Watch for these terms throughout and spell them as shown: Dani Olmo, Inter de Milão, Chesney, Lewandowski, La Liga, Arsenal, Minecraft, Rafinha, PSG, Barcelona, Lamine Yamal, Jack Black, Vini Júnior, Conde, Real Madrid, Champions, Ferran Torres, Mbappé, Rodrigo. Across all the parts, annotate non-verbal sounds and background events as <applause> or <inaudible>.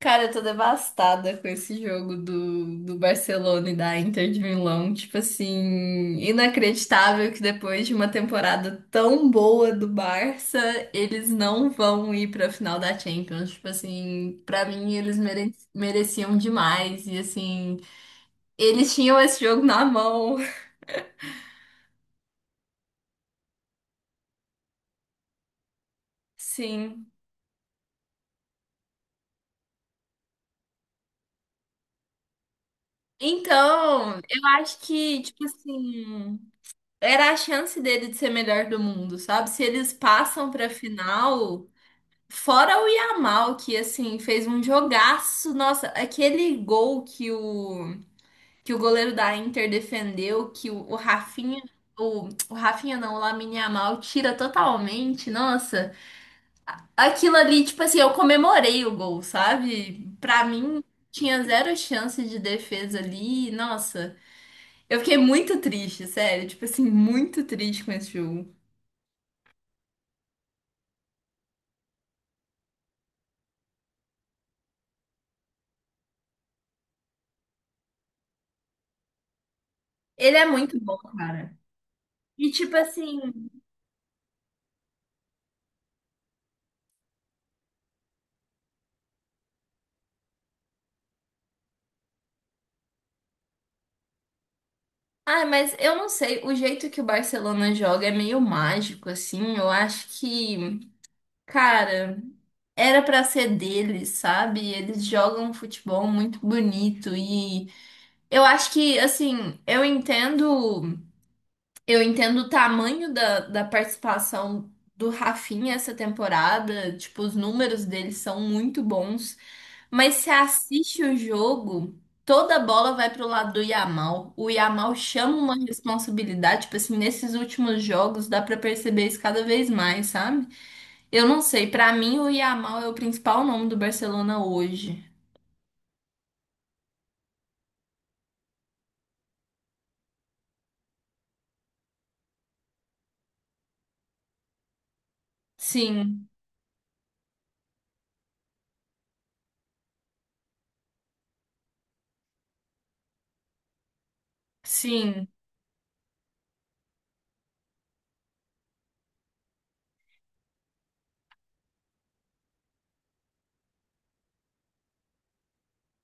Cara, eu tô devastada com esse jogo do Barcelona e da Inter de Milão. Tipo assim, inacreditável que depois de uma temporada tão boa do Barça, eles não vão ir pra final da Champions. Tipo assim, pra mim eles mereciam demais. E assim, eles tinham esse jogo na mão. <laughs> Sim. Então, eu acho que, tipo assim, era a chance dele de ser melhor do mundo, sabe? Se eles passam pra final. Fora o Yamal, que assim fez um jogaço. Nossa, aquele gol que o goleiro da Inter defendeu, que o Rafinha não, o Lamine Yamal tira totalmente. Nossa, aquilo ali, tipo assim, eu comemorei o gol, sabe? Pra mim, tinha zero chance de defesa ali. Nossa, eu fiquei muito triste, sério. Tipo assim, muito triste com esse jogo. Ele é muito bom, cara. E tipo assim. Ah, mas eu não sei, o jeito que o Barcelona joga é meio mágico, assim. Eu acho que, cara, era pra ser deles, sabe? Eles jogam um futebol muito bonito e eu acho que, assim, eu entendo. Eu entendo o tamanho da participação do Rafinha essa temporada, tipo, os números dele são muito bons, mas se assiste o jogo, toda a bola vai pro lado do Yamal. O Yamal chama uma responsabilidade, tipo assim, nesses últimos jogos dá pra perceber isso cada vez mais, sabe? Eu não sei, pra mim o Yamal é o principal nome do Barcelona hoje. Sim, sim.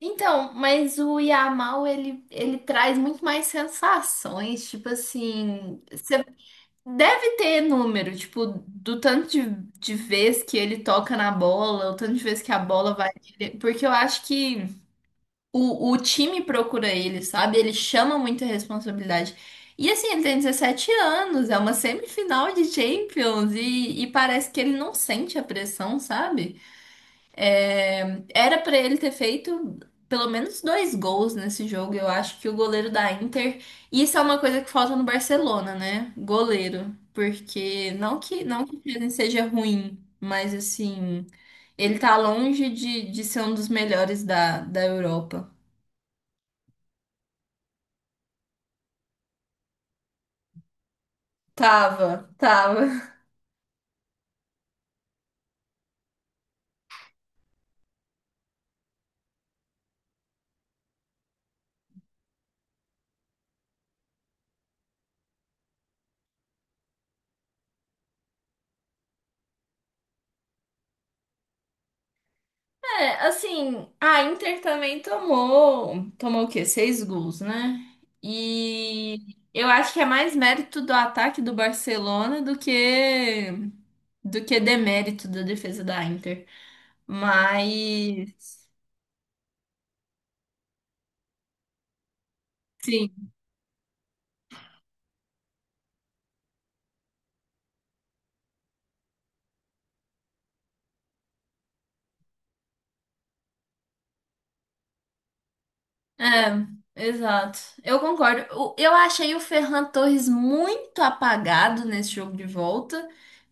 Então, mas o Yamal, ele traz muito mais sensações, tipo assim, você deve ter número, tipo, do tanto de vez que ele toca na bola, o tanto de vez que a bola vai nele, porque eu acho que o time procura ele, sabe? Ele chama muita responsabilidade. E assim, ele tem 17 anos, é uma semifinal de Champions, e parece que ele não sente a pressão, sabe? É, era para ele ter feito pelo menos 2 gols nesse jogo. Eu acho que o goleiro da Inter. Isso é uma coisa que falta no Barcelona, né? Goleiro. Porque não que não que o Chesney seja ruim, mas assim, ele tá longe de ser um dos melhores da, da Europa. Tava, tava. É, assim, a Inter também tomou, tomou o quê? 6 gols, né? E eu acho que é mais mérito do ataque do Barcelona do que demérito da defesa da Inter. Mas sim, é, exato. Eu concordo. O- Eu achei o Ferran Torres muito apagado nesse jogo de volta.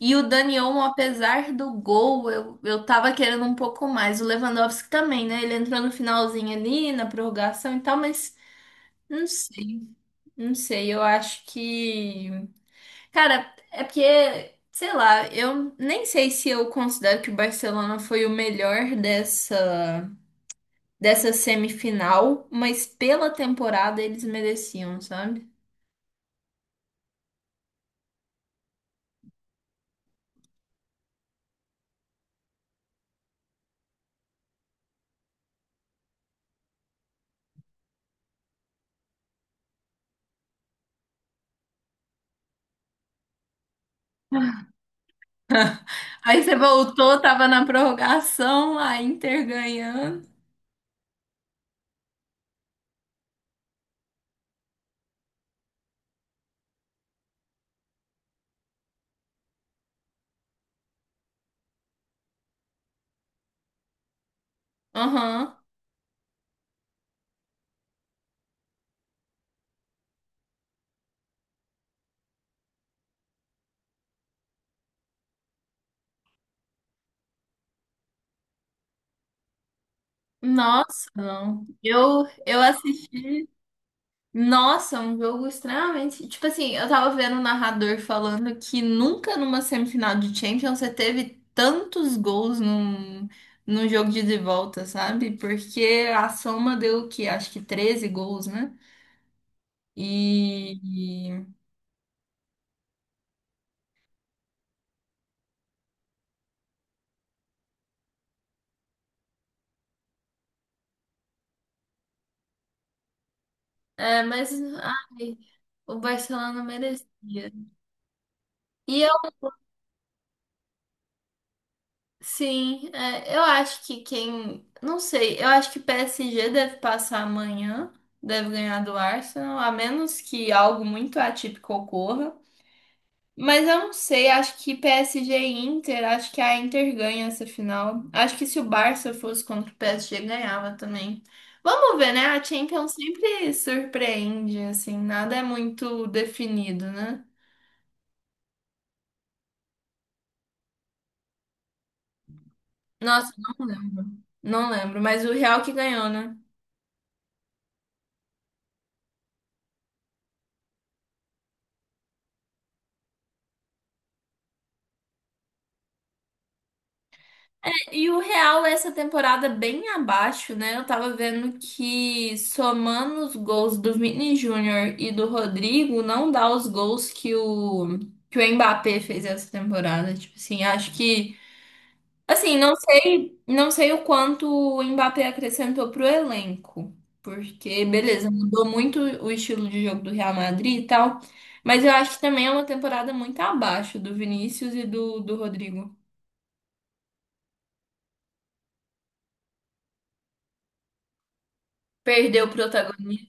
E o Dani Olmo, apesar do gol, eu tava querendo um pouco mais. O Lewandowski também, né? Ele entrou no finalzinho ali, na prorrogação e tal, mas não sei, não sei. Eu acho que. Cara, é porque, sei lá, eu nem sei se eu considero que o Barcelona foi o melhor dessa dessa semifinal, mas pela temporada eles mereciam, sabe? Aí você voltou, tava na prorrogação, a Inter ganhando. Aham. Nossa, não. Eu assisti. Nossa, um jogo extremamente. Tipo assim, eu tava vendo o narrador falando que nunca numa semifinal de Champions você teve tantos gols num, num jogo de ida e volta, sabe? Porque a soma deu o quê? Acho que 13 gols, né? E. É, mas ai, o Barcelona merecia. E eu, sim, é, eu acho que quem. Não sei, eu acho que PSG deve passar amanhã, deve ganhar do Arsenal, a menos que algo muito atípico ocorra. Mas eu não sei, acho que PSG e Inter, acho que a Inter ganha essa final. Acho que se o Barça fosse contra o PSG, ganhava também. Vamos ver, né? A Champions sempre surpreende, assim, nada é muito definido, né? Nossa, não lembro. Não lembro, mas o Real que ganhou, né? E o Real, essa temporada bem abaixo, né? Eu tava vendo que somando os gols do Vini Júnior e do Rodrigo, não dá os gols que o Mbappé fez essa temporada. Tipo assim, acho que assim, não sei, não sei o quanto o Mbappé acrescentou pro elenco, porque beleza, mudou muito o estilo de jogo do Real Madrid e tal, mas eu acho que também é uma temporada muito abaixo do Vinícius e do Rodrigo. Perdeu o protagonismo.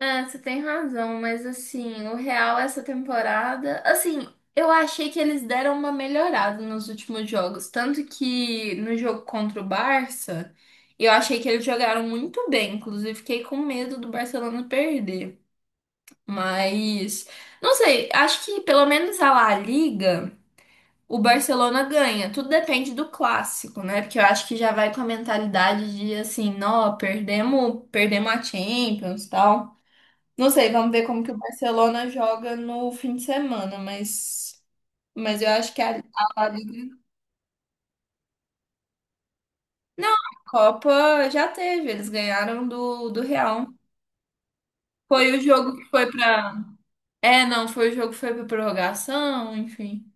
É, você tem razão, mas assim, o Real essa temporada, assim, eu achei que eles deram uma melhorada nos últimos jogos, tanto que no jogo contra o Barça, eu achei que eles jogaram muito bem, inclusive fiquei com medo do Barcelona perder. Mas não sei, acho que pelo menos a La Liga, o Barcelona ganha. Tudo depende do clássico, né? Porque eu acho que já vai com a mentalidade de assim, não, perdemos, perdemos a Champions, tal. Não sei, vamos ver como que o Barcelona joga no fim de semana, mas eu acho que a La Liga. Não, a Copa já teve, eles ganharam do Real. Foi o jogo que foi pra. É, não, foi o jogo que foi pra prorrogação, enfim.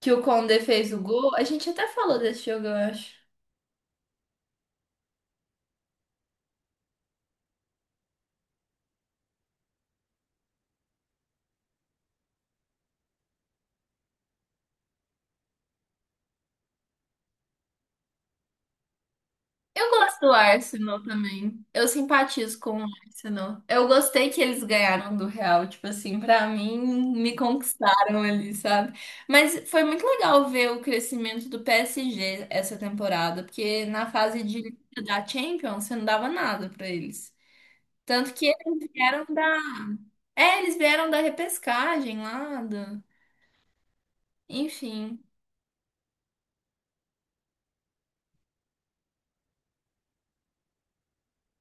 Que o Conde fez o gol. A gente até falou desse jogo, eu acho. Eu gosto do Arsenal também. Eu simpatizo com o Arsenal. Eu gostei que eles ganharam do Real, tipo assim, pra mim me conquistaram ali, sabe? Mas foi muito legal ver o crescimento do PSG essa temporada, porque na fase de da Champions você não dava nada pra eles. Tanto que eles vieram da, é, eles vieram da repescagem lá, do... enfim.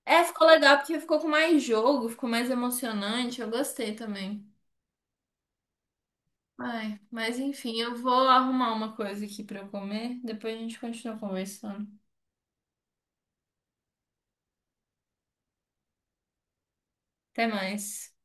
É, ficou legal porque ficou com mais jogo, ficou mais emocionante. Eu gostei também. Ai, mas enfim, eu vou arrumar uma coisa aqui pra eu comer. Depois a gente continua conversando. Até mais.